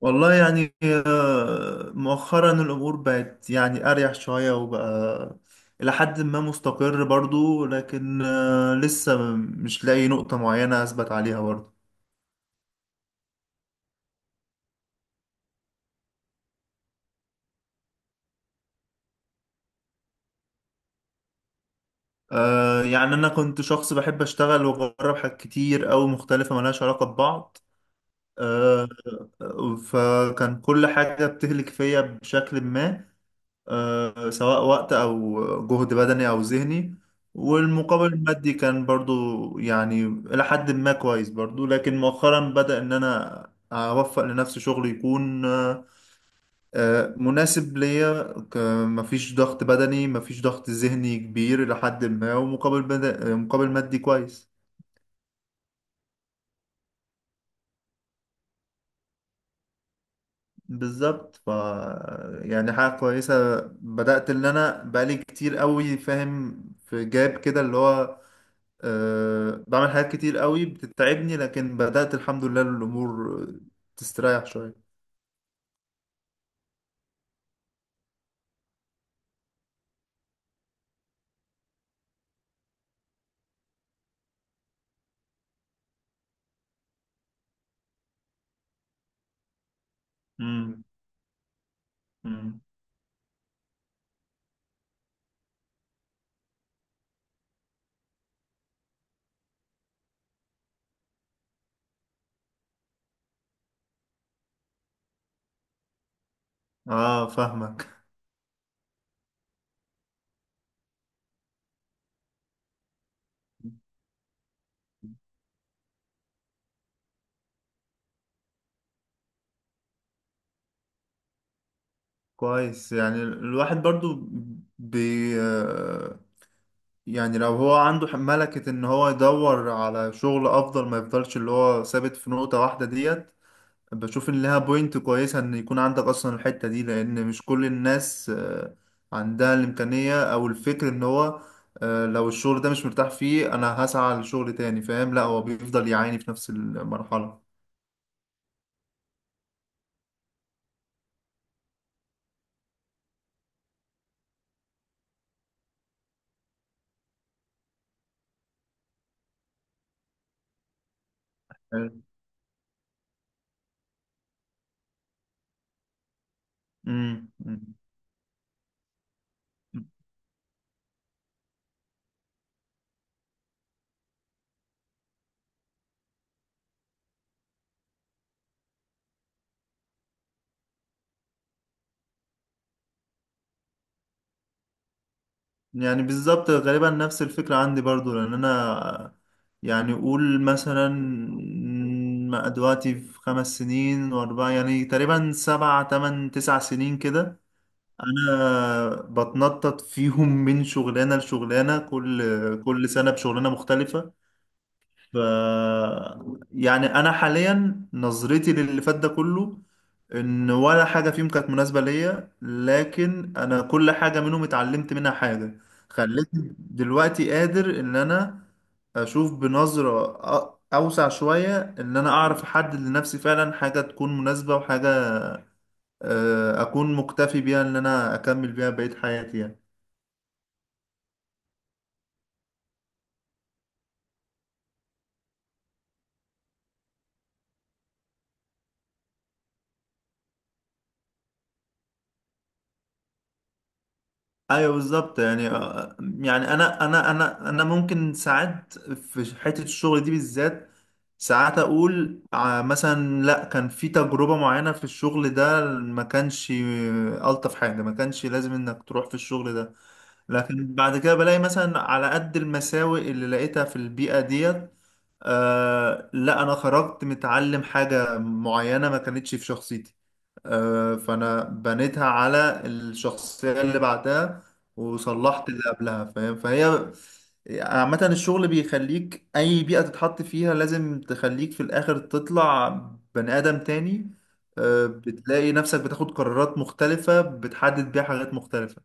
والله يعني مؤخرا الأمور بقت يعني أريح شوية وبقى إلى حد ما مستقر برضو، لكن لسه مش لاقي نقطة معينة أثبت عليها برضو. يعني أنا كنت شخص بحب أشتغل وأجرب حاجات كتير أوي مختلفة ملهاش علاقة ببعض. آه، فكان كل حاجة بتهلك فيا بشكل ما، سواء وقت أو جهد بدني أو ذهني. والمقابل المادي كان برضو يعني إلى حد ما كويس برضو، لكن مؤخرا بدأ إن أنا أوفق لنفسي شغل يكون مناسب ليا. ك- مفيش ضغط بدني، مفيش ضغط ذهني كبير إلى حد ما، ومقابل بد- آه، مقابل مادي كويس. بالظبط. يعني حاجة كويسة بدأت إن أنا بقالي كتير قوي فاهم في جاب كده اللي هو بعمل حاجات كتير قوي بتتعبني، لكن بدأت الحمد لله الأمور تستريح شوية. امم. امم. اه، فاهمك. كويس. يعني الواحد برضو بي آه، يعني لو هو عنده ملكة ان هو يدور على شغل افضل ما يفضلش اللي هو ثابت في نقطة واحدة ديت. بشوف ان لها بوينت كويسة ان يكون عندك اصلا الحتة دي، لان مش كل الناس عندها الامكانية او الفكر ان هو لو الشغل ده مش مرتاح فيه انا هسعى لشغل تاني، فاهم؟ لا، هو بيفضل يعاني في نفس المرحلة. فاهم؟ مم. مم. يعني بالظبط غالبا نفس الفكرة عندي برضو، لان انا آه، يعني قول مثلا دلوقتي في 5 سنين واربعة، يعني تقريبا 7 8 9 سنين كده. انا بتنطط فيهم من شغلانه لشغلانه، كل سنه بشغلانه مختلفه. ف يعني انا حاليا نظرتي للي فات ده كله ان ولا حاجه فيهم كانت مناسبه ليا، لكن انا كل حاجه منهم اتعلمت منها حاجه خلتني دلوقتي قادر ان انا اشوف بنظره اوسع شويه ان انا اعرف احدد لنفسي فعلا حاجه تكون مناسبه وحاجه اكون مكتفي بيها ان انا اكمل بيها بقية حياتي يعني. ايوه بالظبط. يعني يعني انا ممكن ساعات في حتة الشغل دي بالذات ساعات اقول مثلا لا، كان في تجربة معينة في الشغل ده ما كانش الطف حاجة، ما كانش لازم انك تروح في الشغل ده. لكن بعد كده بلاقي مثلا على قد المساوئ اللي لقيتها في البيئة ديت، لا انا خرجت متعلم حاجة معينة ما كانتش في شخصيتي، فانا بنيتها على الشخصية اللي بعدها وصلحت اللي قبلها، فاهم؟ فهي عامة، الشغل بيخليك اي بيئة تتحط فيها لازم تخليك في الاخر تطلع بني ادم تاني. آه، بتلاقي نفسك بتاخد قرارات مختلفة بتحدد بيها حاجات مختلفة.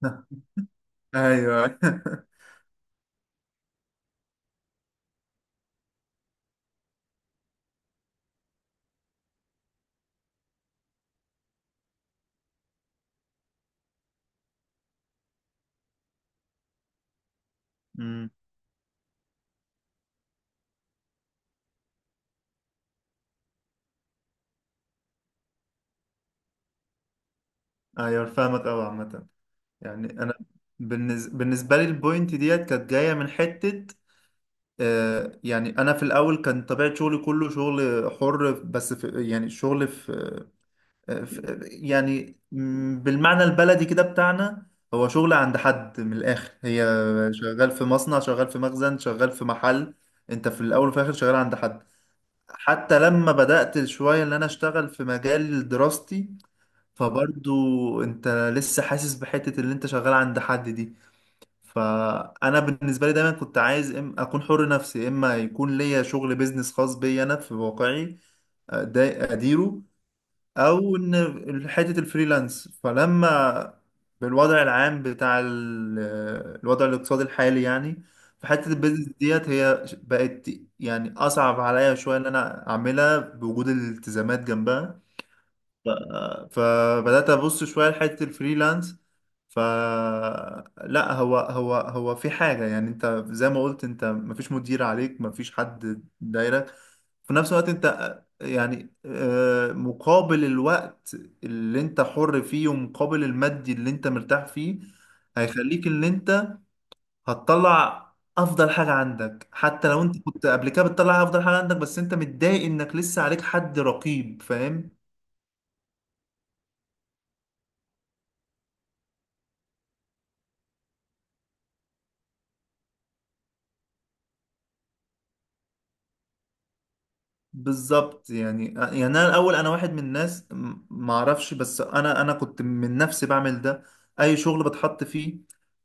ايوه. مم. ايوه فاهمك اوي. عامة يعني انا بالنسبه لي البوينت ديت كانت جايه من حته، يعني انا في الاول كان طبيعه شغلي كله شغل حر، بس في يعني شغل في يعني بالمعنى البلدي كده بتاعنا هو شغل عند حد. من الاخر هي شغال في مصنع، شغال في مخزن، شغال في محل. انت في الاول وفي الاخر شغال عند حد. حتى لما بدات شويه ان انا اشتغل في مجال دراستي فبرضو انت لسه حاسس بحته اللي انت شغال عند حد دي. فانا بالنسبه لي دايما كنت عايز إم اكون حر نفسي، اما يكون ليا شغل بيزنس خاص بيا انا في واقعي ده اديره، او ان حته الفريلانس. فلما بالوضع العام بتاع الوضع الاقتصادي الحالي يعني، فحته البيزنس ديت هي بقت يعني اصعب عليا شويه ان انا اعملها بوجود الالتزامات جنبها. فبدأت أبص شوية لحتة الفريلانس، فلا هو في حاجة، يعني أنت زي ما قلت، أنت مفيش مدير عليك، مفيش حد دايرك. في نفس الوقت أنت يعني مقابل الوقت اللي أنت حر فيه ومقابل المادي اللي أنت مرتاح فيه هيخليك إن أنت هتطلع أفضل حاجة عندك. حتى لو أنت كنت قبل كده بتطلع أفضل حاجة عندك، بس أنت متضايق إنك لسه عليك حد رقيب، فاهم؟ بالظبط. يعني يعني انا الاول انا واحد من الناس، ما اعرفش، بس انا كنت من نفسي بعمل ده. اي شغل بتحط فيه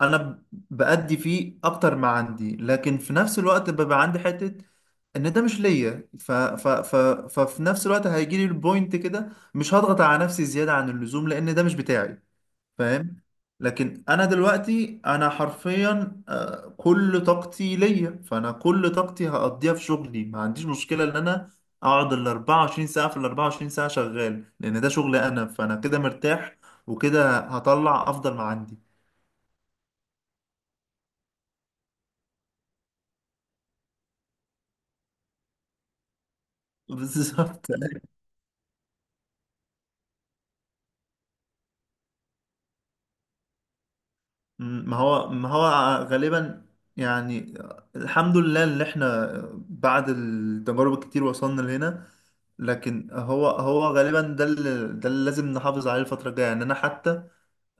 انا بأدي فيه اكتر ما عندي، لكن في نفس الوقت ببقى عندي حتة ان ده مش ليا. ف ف ف ففي نفس الوقت هيجي لي البوينت كده مش هضغط على نفسي زيادة عن اللزوم لان ده مش بتاعي، فاهم؟ لكن انا دلوقتي انا حرفيا كل طاقتي ليا، فانا كل طاقتي هقضيها في شغلي. ما عنديش مشكلة ان انا اقعد ال 24 ساعة في ال 24 ساعة شغال لان ده شغلي انا، فانا كده مرتاح وكده هطلع افضل ما عندي. بالظبط. مم، ما هو غالبا يعني الحمد لله اللي احنا بعد التجارب الكتير وصلنا لهنا. لكن هو غالبا ده اللي لازم نحافظ عليه الفترة الجاية. يعني انا حتى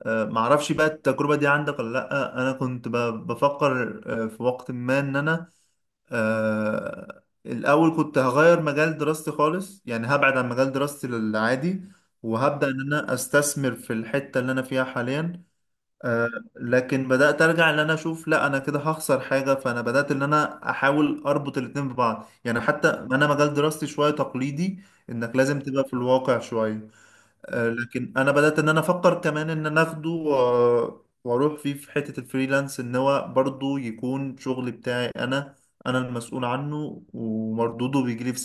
معرفش بقى التجربة دي عندك ولا لأ. انا كنت بفكر في وقت ما ان انا الاول كنت هغير مجال دراستي خالص، يعني هبعد عن مجال دراستي العادي وهبدأ ان انا استثمر في الحتة اللي انا فيها حاليا، آه، لكن بدأت أرجع إن أنا أشوف لا، أنا كده هخسر حاجة. فأنا بدأت إن أنا أحاول أربط الاتنين ببعض، يعني حتى أنا مجال دراستي شوية تقليدي إنك لازم تبقى في الواقع شوية، لكن أنا بدأت إن أنا أفكر كمان إن أنا أخده وأروح فيه في حتة الفريلانس، إن هو برضه يكون شغل بتاعي أنا أنا المسؤول عنه ومردوده بيجيلي في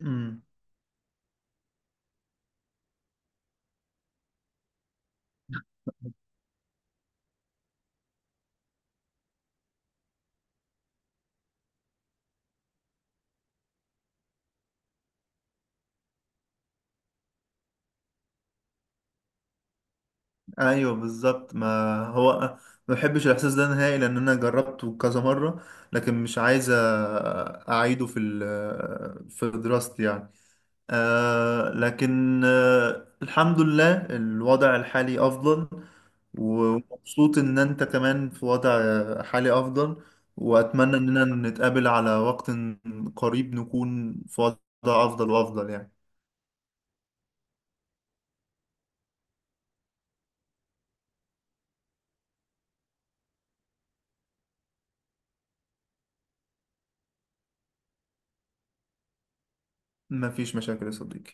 ساعتها. ايوه بالظبط. ما هو ما بحبش الاحساس ده نهائي لان انا جربته كذا مره، لكن مش عايز اعيده في في دراستي يعني. لكن الحمد لله الوضع الحالي افضل. ومبسوط ان انت كمان في وضع حالي افضل، واتمنى اننا نتقابل على وقت قريب نكون في وضع افضل وافضل يعني. مفيش مشاكل يا صديقي.